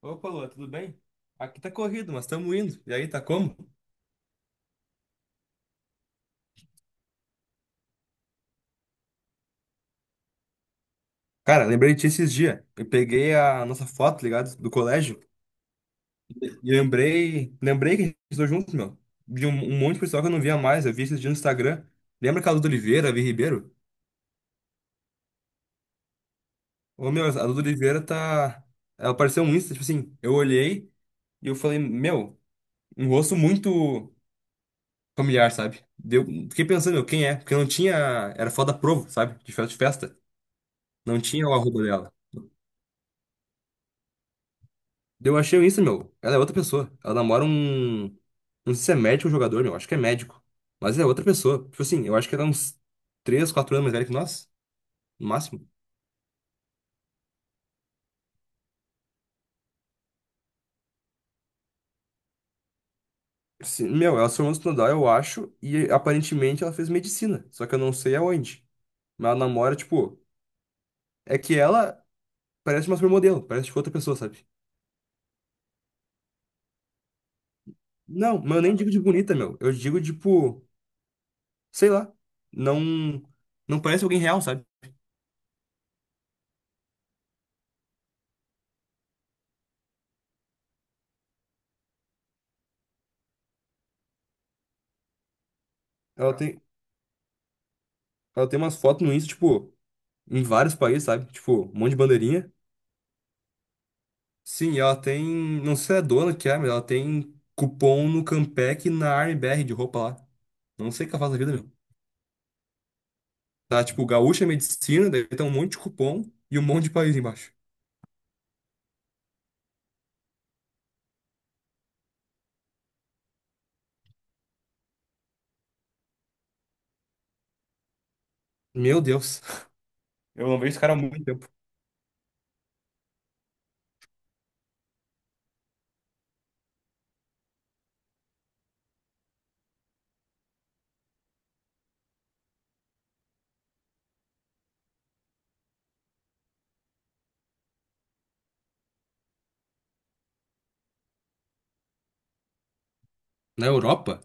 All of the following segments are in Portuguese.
Opa, Lua, tudo bem? Aqui tá corrido, mas estamos indo. E aí, tá como? Cara, lembrei de ti esses dias. Eu peguei a nossa foto, tá ligado? Do colégio. E lembrei, lembrei que a gente estudou junto, meu. De um monte de pessoal que eu não via mais. Eu vi esses dias no Instagram. Lembra aquela Duda Oliveira, a Vi Ribeiro? Ô, meu, a Duda Oliveira tá. Ela apareceu um Insta, tipo assim. Eu olhei e eu falei, meu, um rosto muito familiar, sabe? Deu... Fiquei pensando, meu, quem é? Porque não tinha. Era foto da Provo, sabe? De festa de festa. Não tinha o arroba dela. Eu achei isso, meu. Ela é outra pessoa. Ela namora um. Não sei se é médico ou jogador, meu. Acho que é médico. Mas é outra pessoa. Tipo assim, eu acho que ela é uns 3 4 anos mais velha que nós. No máximo. Sim, meu, ela se formou no Estudar, eu acho. E aparentemente ela fez medicina. Só que eu não sei aonde. Mas ela namora, tipo. É que ela parece uma supermodelo. Parece tipo outra pessoa, sabe? Não, mas eu nem digo de bonita, meu. Eu digo, tipo. Sei lá. Não. Não parece alguém real, sabe? Ela tem, ela tem umas fotos no Insta, tipo. Em vários países, sabe? Tipo, um monte de bandeirinha. Sim, ela tem. Não sei se é a dona que é, mas ela tem cupom no Campec e na Armbr de roupa lá. Não sei o que ela faz da vida, meu. Tá, tipo, Gaúcha é Medicina, daí tem um monte de cupom e um monte de país embaixo. Meu Deus. Eu não vejo esse cara há muito tempo. Na Europa?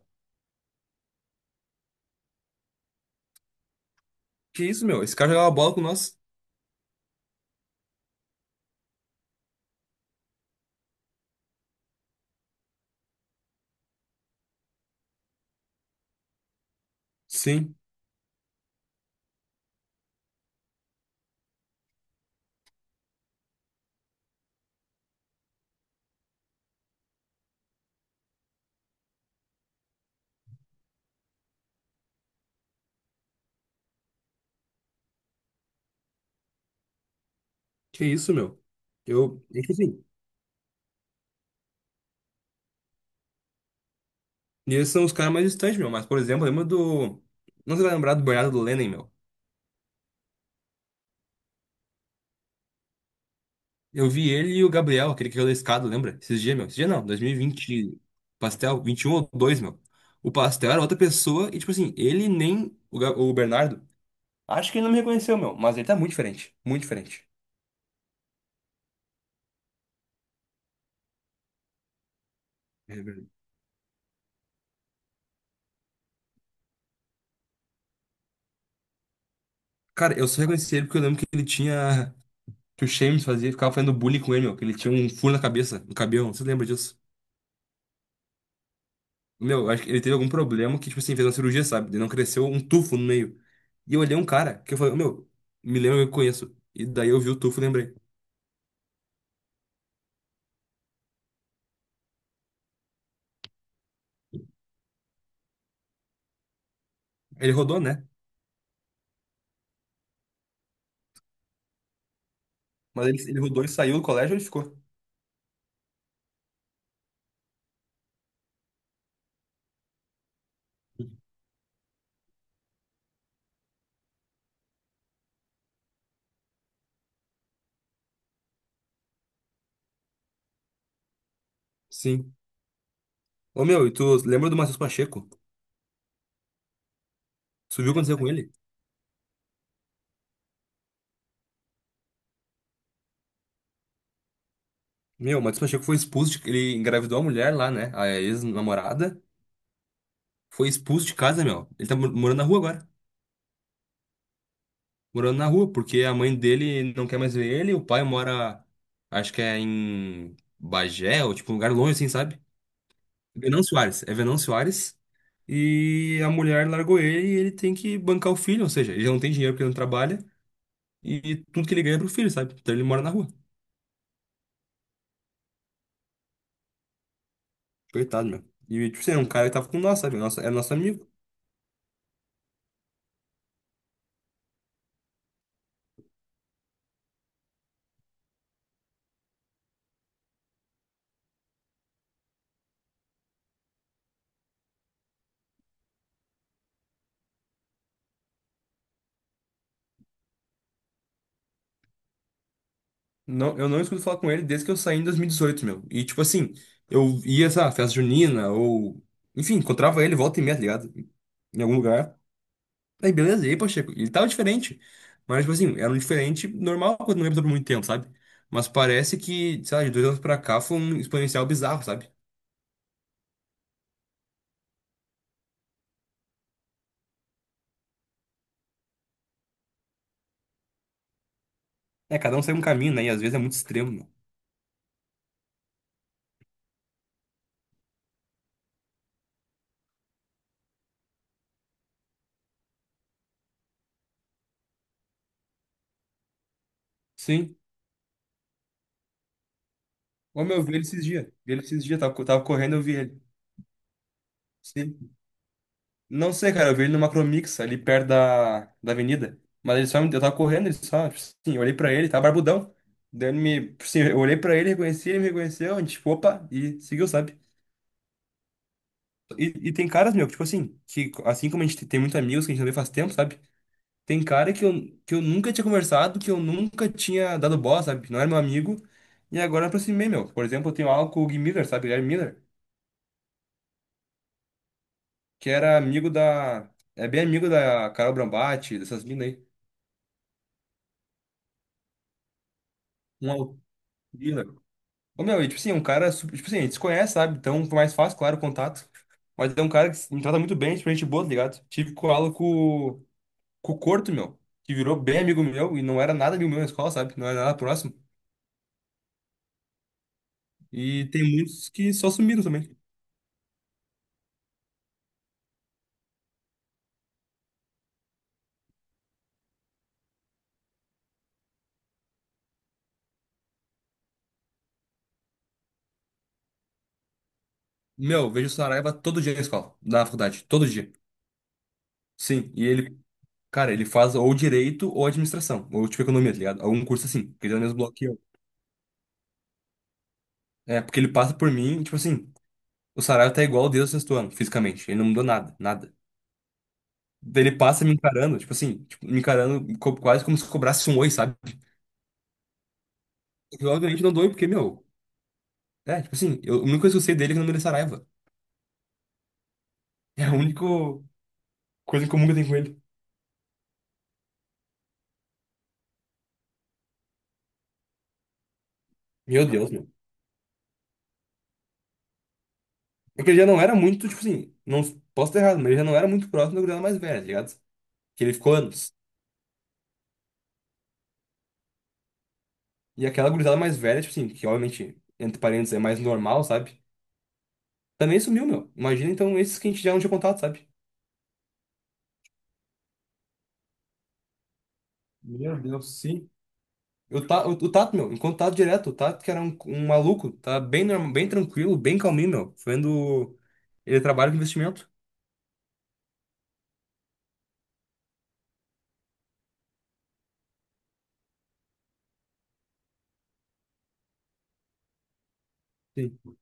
Que isso, meu? Esse cara jogava bola com nós. Sim. Que isso, meu? Eu. É que assim. E esses são os caras mais distantes, meu. Mas, por exemplo, lembra do. Não sei se vai lembrar do Bernardo Lennon, meu. Eu vi ele e o Gabriel, aquele que caiu da escada, lembra? Esses dias, meu. Esses dias não, 2020, pastel, 21 ou 2, meu. O pastel era outra pessoa e, tipo assim, ele nem o Bernardo. Acho que ele não me reconheceu, meu, mas ele tá muito diferente. Muito diferente. É verdade. Cara, eu só reconheci ele porque eu lembro que ele tinha. Que o Shames fazia, ficava fazendo bullying com ele, meu. Que ele tinha um furo na cabeça, no cabelo. Você lembra disso? Meu, eu acho que ele teve algum problema que, tipo assim, fez uma cirurgia, sabe? Ele não cresceu um tufo no meio. E eu olhei um cara que eu falei, meu, me lembra que eu conheço. E daí eu vi o tufo e lembrei. Ele rodou, né? Mas ele rodou e saiu do colégio e ficou. Sim. Ô, meu, e tu lembra do Matheus Pacheco? Tu viu o que aconteceu com ele? Meu, o Matheus Pacheco foi expulso de... Ele engravidou a mulher lá, né? A ex-namorada. Foi expulso de casa, meu. Ele tá morando na rua agora. Morando na rua, porque a mãe dele não quer mais ver ele. O pai mora, acho que é em Bagé, ou tipo um lugar longe, assim, sabe? Venão Soares. É Venão Soares. E a mulher largou ele e ele tem que bancar o filho. Ou seja, ele não tem dinheiro porque ele não trabalha. E tudo que ele ganha é pro filho, sabe? Então ele mora na rua. Coitado, meu. E, tipo assim, é um cara que tava com nós, sabe? Nossa, é nosso amigo. Não, eu não escuto falar com ele desde que eu saí em 2018, meu. E, tipo assim, eu ia, sei lá, festa junina, ou... Enfim, encontrava ele volta e meia, tá ligado? Em algum lugar. Aí, beleza. E aí, Pacheco? Ele tava diferente. Mas, tipo assim, era um diferente normal quando não lembro por muito tempo, sabe? Mas parece que, sei lá, de 2 anos pra cá foi um exponencial bizarro, sabe? É, cada um segue um caminho, né? E às vezes é muito extremo, meu. Sim. Como eu vi ele esses dias. Vi ele esses dias, tava, tava correndo, eu vi ele. Sim. Não sei, cara, eu vi ele no Macromix, ali perto da avenida. Mas ele só, eu tava correndo, ele só, tipo assim, eu olhei pra ele, tava barbudão. Daí ele me, tipo assim, eu olhei pra ele, reconheci, ele me reconheceu, a gente, tipo, opa, e seguiu, sabe? E tem caras, meu, que, tipo assim, que assim como a gente tem muitos amigos que a gente não vê faz tempo, sabe? Tem cara que eu nunca tinha conversado, que eu nunca tinha dado bola, sabe? Não era meu amigo. E agora eu aproximei, meu. Por exemplo, eu tenho aula com o Gui Miller, sabe? Guilherme Miller. Que era amigo da. É bem amigo da Carol Brambati, dessas minas aí. Um alpina. Ô, meu, e tipo assim, um cara. Tipo assim, a gente se conhece, sabe? Então fica mais fácil, claro, o contato. Mas é um cara que me trata muito bem, tipo, gente boa, tá ligado? Tive com aula com, o Corto, meu, que virou bem amigo meu e não era nada amigo meu na escola, sabe? Não era nada próximo. E tem muitos que só sumiram também. Meu, vejo o Saraiva todo dia na escola, na faculdade, todo dia. Sim, e ele, cara, ele faz ou direito ou administração, ou tipo economia, tá ligado? Algum curso assim, porque ele é no mesmo bloco. É, porque ele passa por mim, e, tipo assim, o Saraiva tá igual desde o sexto ano, fisicamente. Ele não mudou nada, nada. Daí ele passa me encarando, tipo assim, tipo, me encarando quase como se cobrasse um oi, sabe? Eu obviamente não dou oi, porque, meu, é, tipo assim, eu, a única coisa que eu sei dele é que o nome dele é Saraiva. É a única coisa em comum que eu tenho com ele. Meu Deus, meu. Porque ele já não era muito, tipo assim, não posso estar errado, mas ele já não era muito próximo da gurizada mais velha, tá ligado? Que ele ficou anos. E aquela gurizada mais velha, tipo assim, que obviamente, entre parênteses, é mais normal, sabe? Também sumiu, meu. Imagina então esses que a gente já não tinha contato, sabe? Meu Deus, sim. O Tato, meu, enquanto o direto, o Tato que era um maluco, tá bem, bem tranquilo, bem calminho, meu. Vendo. Ele trabalha com investimento. Sim.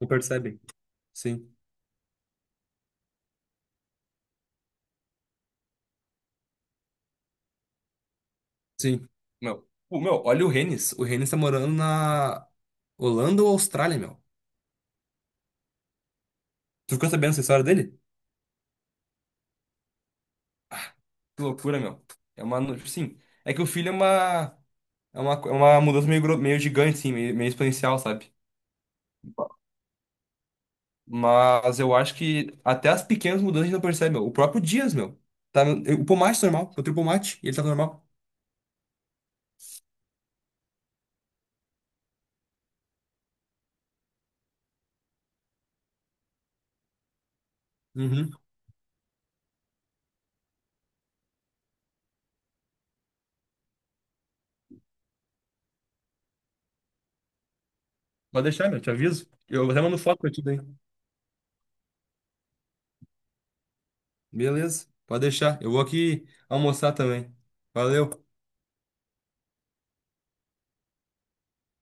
Não percebem. Sim. Sim. Meu. O meu, olha o Rennes. O Rennes tá morando na Holanda ou Austrália, meu. Tu ficou sabendo essa história dele? Que loucura, meu. É uma. Sim. É que o filho é uma. É uma mudança meio, meio gigante, assim, meio exponencial, sabe? Mas eu acho que até as pequenas mudanças a gente não percebe, meu. O próprio Dias, meu. Tá, o pomate tá normal. Botei o pomate e ele tá normal. Uhum. Pode deixar, meu. Te aviso. Eu até mando foto pra ti daí. Beleza. Pode deixar. Eu vou aqui almoçar também. Valeu.